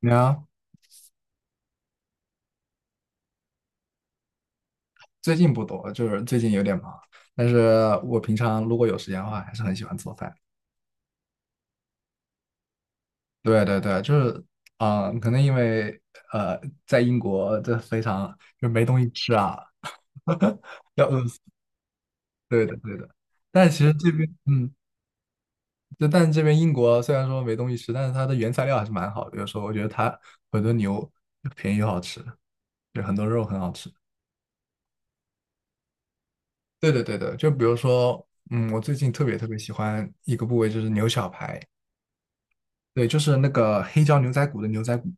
你有最近不多，就是最近有点忙。但是我平常如果有时间的话，还是很喜欢做饭。对对对，就是，可能因为呃，在英国这非常就没东西吃啊，要饿死。对的对的。但其实这边，就但是这边英国虽然说没东西吃，但是它的原材料还是蛮好的。有时候我觉得它很多牛便宜又好吃，就很多肉很好吃。对的对的，就比如说，我最近特别特别喜欢一个部位就是牛小排。对，就是那个黑椒牛仔骨的牛仔骨，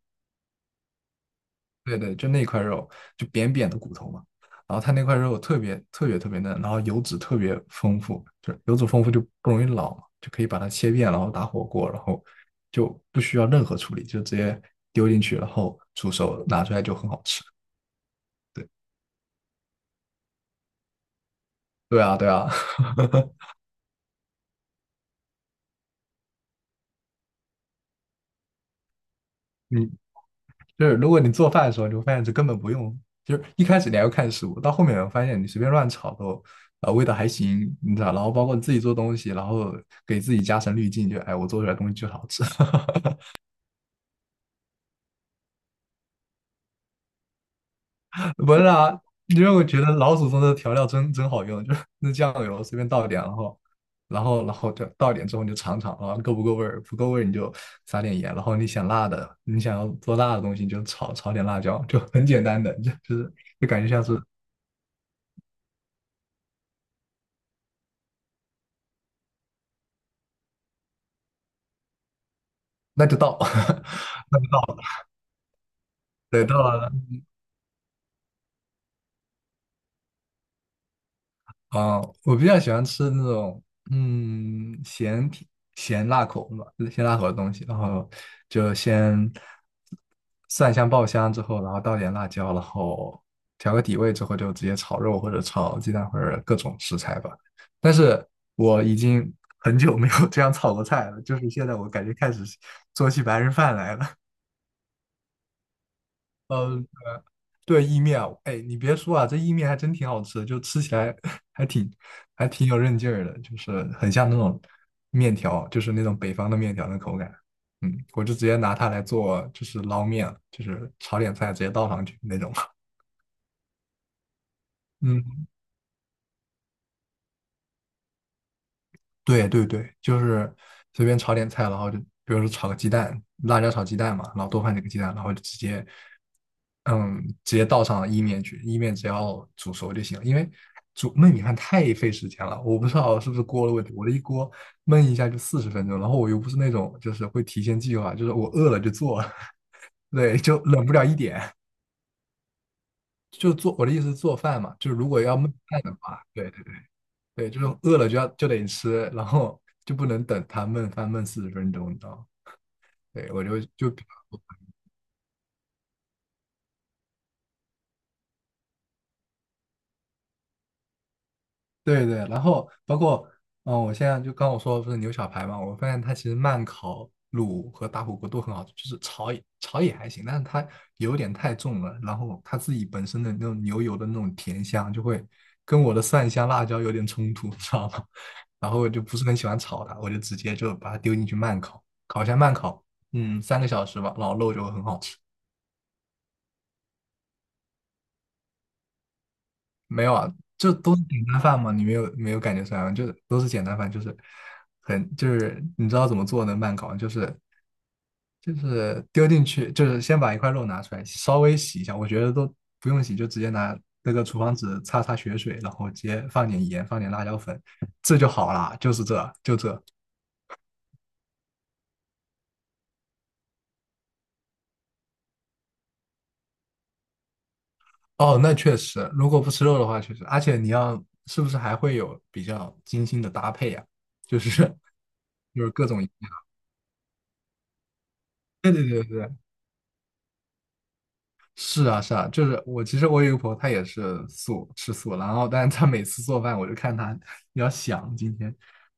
对对，就那块肉，就扁扁的骨头嘛。然后它那块肉特别特别特别嫩，然后油脂特别丰富，就是油脂丰富就不容易老嘛，就可以把它切片，然后打火锅，然后就不需要任何处理，就直接丢进去，然后煮熟拿出来就很好吃。对对啊，对啊，你就是如果你做饭的时候，你会发现这根本不用，就是一开始你还要看食物，到后面我发现你随便乱炒都，味道还行，你知道，然后包括你自己做东西，然后给自己加成滤镜，就哎，我做出来的东西就是好吃，不是啊，因为我觉得老祖宗的调料真真好用，就是那酱油随便倒一点，然后。然后就倒一点之后你就尝尝，然后够不够味儿，不够味儿你就撒点盐，然后你想辣的，你想要做辣的东西你就炒炒点辣椒，就很简单的，就是就感觉像是那就到，那就到了，对，到了我比较喜欢吃那种，嗯，咸甜咸辣口嘛，咸辣口的东西，然后就先蒜香爆香之后，然后倒点辣椒，然后调个底味之后，就直接炒肉或者炒鸡蛋或者各种食材吧。但是我已经很久没有这样炒过菜了，就是现在我感觉开始做起白人饭来了。嗯，对，意面啊，哎，你别说啊，这意面还真挺好吃的就吃起来 还挺还挺有韧劲儿的，就是很像那种面条，就是那种北方的面条的口感。我就直接拿它来做，就是捞面，就是炒点菜直接倒上去那种。嗯，对对对，就是随便炒点菜，然后就比如说炒个鸡蛋，辣椒炒鸡蛋嘛，然后多放几个鸡蛋，然后就直接，嗯，直接倒上意面去，意面只要煮熟就行了。因为煮焖米饭太费时间了，我不知道是不是锅的问题，我的一锅焖一下就四十分钟，然后我又不是那种就是会提前计划，就是我饿了就做，对，就冷不了一点。就做我的意思是做饭嘛，就是如果要焖饭的话，对，对，就是饿了就要就得吃，然后就不能等它焖翻焖四十分钟，你知道吗？对，我就对对，然后包括，我现在就刚我说的不是牛小排嘛，我发现它其实慢烤卤和打火锅都很好吃，就是炒也还行，但是它有点太重了，然后它自己本身的那种牛油的那种甜香就会跟我的蒜香辣椒有点冲突，你知道吗？然后我就不是很喜欢炒它，我就直接就把它丢进去慢烤，烤一下慢烤，三个小时吧，老肉就会很好吃。没有啊，就都是简单饭嘛，你没有感觉出来吗？就都是简单饭，就是就是你知道怎么做能慢搞，就是丢进去，就是先把一块肉拿出来，稍微洗一下，我觉得都不用洗，就直接拿那个厨房纸擦擦血水，然后直接放点盐，放点辣椒粉，这就好啦，就是这就这。哦，那确实，如果不吃肉的话，确实，而且你要是不是还会有比较精心的搭配呀、就是 就是各种。对对对对是啊，是啊，就是我其实我有一个朋友，他也是吃素，然后但是他每次做饭，我就看他，你要想今天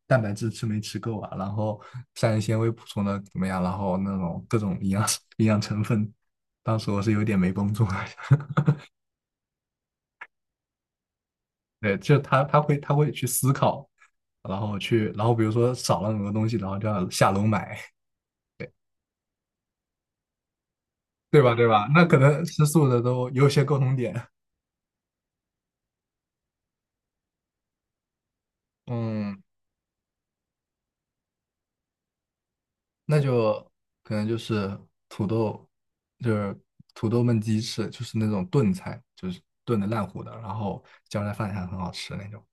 蛋白质吃没吃够啊，然后膳食纤维补充的怎么样，然后那种各种营养 营养成分，当时我是有点没绷住了。对，就他他会他会去思考，然后比如说少了很多东西，然后就要下楼买，对吧？对吧？那可能吃素的都有些共同点，嗯。那就可能就是土豆，就是土豆焖鸡翅，就是那种炖菜，就是炖的烂糊的，然后浇在饭上很好吃那种。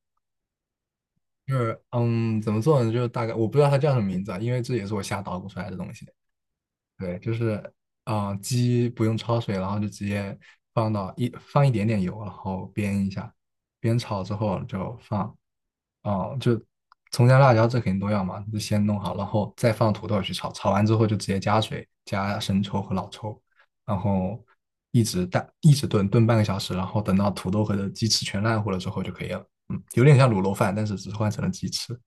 就是怎么做呢？就是大概我不知道它叫什么名字啊，因为这也是我瞎捣鼓出来的东西。对，就是鸡不用焯水，然后就直接放一点点油，然后煸一下，煸炒之后就放哦，就葱姜辣椒这肯定都要嘛，就先弄好，然后再放土豆去炒，炒完之后就直接加水，加生抽和老抽，然后一直炖，炖半个小时，然后等到土豆和的鸡翅全烂糊了之后就可以了。嗯，有点像卤肉饭，但是只是换成了鸡翅，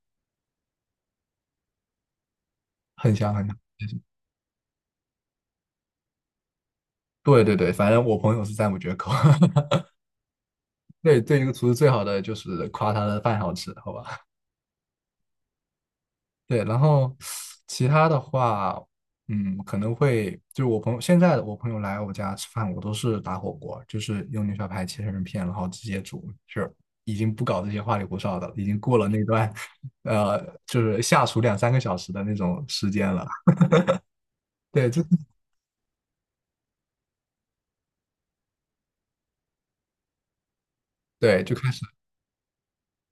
很香很香。对对对，反正我朋友是赞不绝口。对，对一个厨师最好的就是夸他的饭好吃，好吧？对，然后其他的话，可能会就是我朋友来我家吃饭，我都是打火锅，就是用牛小排切成片，然后直接煮，就是已经不搞这些花里胡哨的了，已经过了那段，呃，就是下厨两三个小时的那种时间了。对，就对，就开始，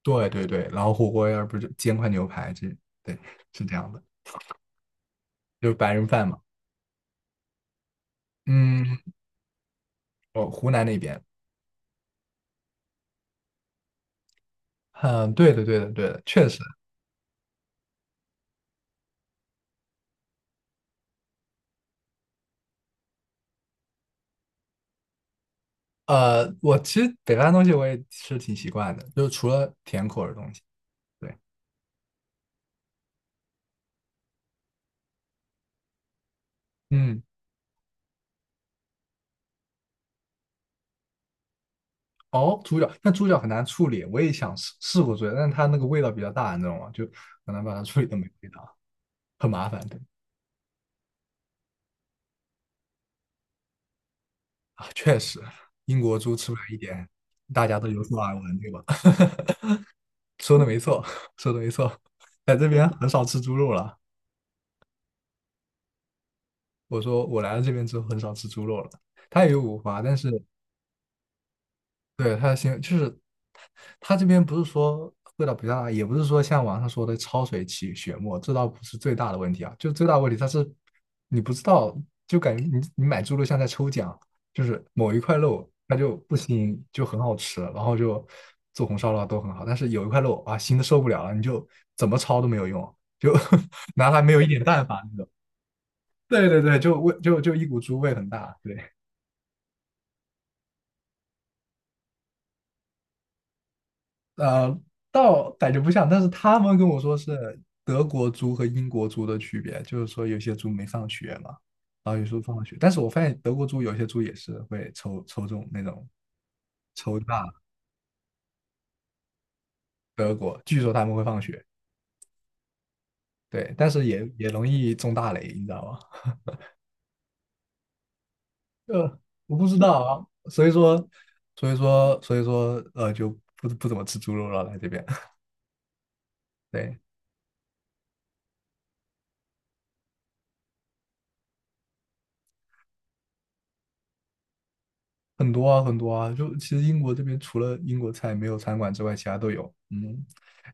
对对对，然后火锅要不就煎块牛排，这对是这样的，就是白人饭嘛。嗯，哦，湖南那边，嗯，对的对的对的，确实。我其实北方的东西我也吃挺习惯的，就是除了甜口的东西。对，嗯，哦，猪脚，但猪脚很难处理，我也想试试过猪脚，但是它那个味道比较大，你知道吗？就很难把它处理的没味道，很麻烦。对啊，确实，英国猪吃不来一点，大家都有所耳闻，对吧？说的没错，说的没错，在这边很少吃猪肉了。我说我来了这边之后很少吃猪肉了，它也有五花，但是对，它的行就是它这边不是说味道比较大，也不是说像网上说的焯水起血沫，这倒不是最大的问题啊。就最大的问题，它是你不知道，就感觉你买猪肉像在抽奖，就是某一块肉它就不腥，就很好吃，然后就做红烧肉啊都很好，但是有一块肉啊腥的受不了了，你就怎么焯都没有用，就 拿它没有一点办法那种。对对对，就味就一股猪味很大，对。呃，倒感觉不像，但是他们跟我说是德国猪和英国猪的区别，就是说有些猪没上学嘛，然后有时候放了学，但是我发现德国猪有些猪也是会抽抽中那种抽大德国，据说他们会放血，对，但是也容易中大雷，你知道吗？呃，我不知道啊，所以说，所以说，就不怎么吃猪肉了，来这边，对。很多啊，很多啊，就其实英国这边除了英国菜没有餐馆之外，其他都有。嗯，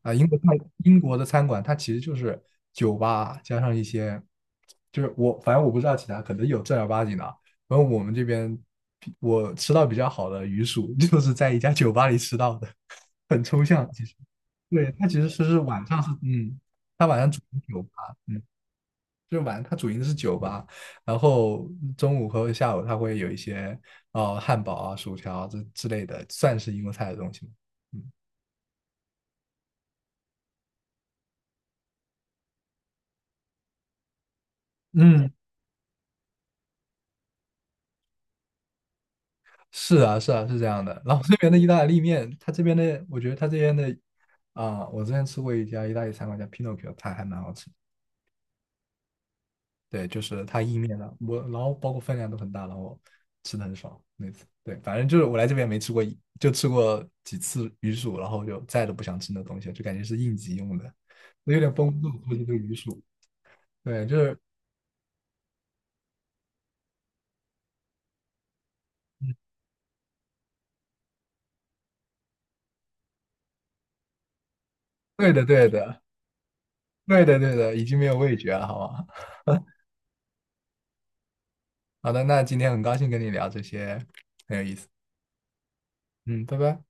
英国菜，英国的餐馆它其实就是酒吧加上一些，就是我反正我不知道其他，可能有正儿八经的啊。然后我们这边比我吃到比较好的鱼薯，就是在一家酒吧里吃到的，很抽象其实。对，它其实是晚上是它晚上主的酒吧，嗯。就是晚它主营的是酒吧，然后中午和下午它会有一些汉堡啊、薯条啊这之类的，算是英国菜的东西嘛。嗯，嗯，是啊，是啊，是这样的。然后这边的意大利面，他这边的我觉得他这边的我之前吃过一家意大利餐馆叫 Pinocchio，它还蛮好吃的。对，就是它意面的，我然后包括分量都很大，然后吃的很爽那次。对，反正就是我来这边没吃过一，就吃过几次鱼薯，然后就再都不想吃那东西了，就感觉是应急用的，我有点绷不住估计这个鱼薯。对，就是对的，对的，对的，对的，已经没有味觉了，好吗？好的，那今天很高兴跟你聊这些，很有意思。嗯，拜拜。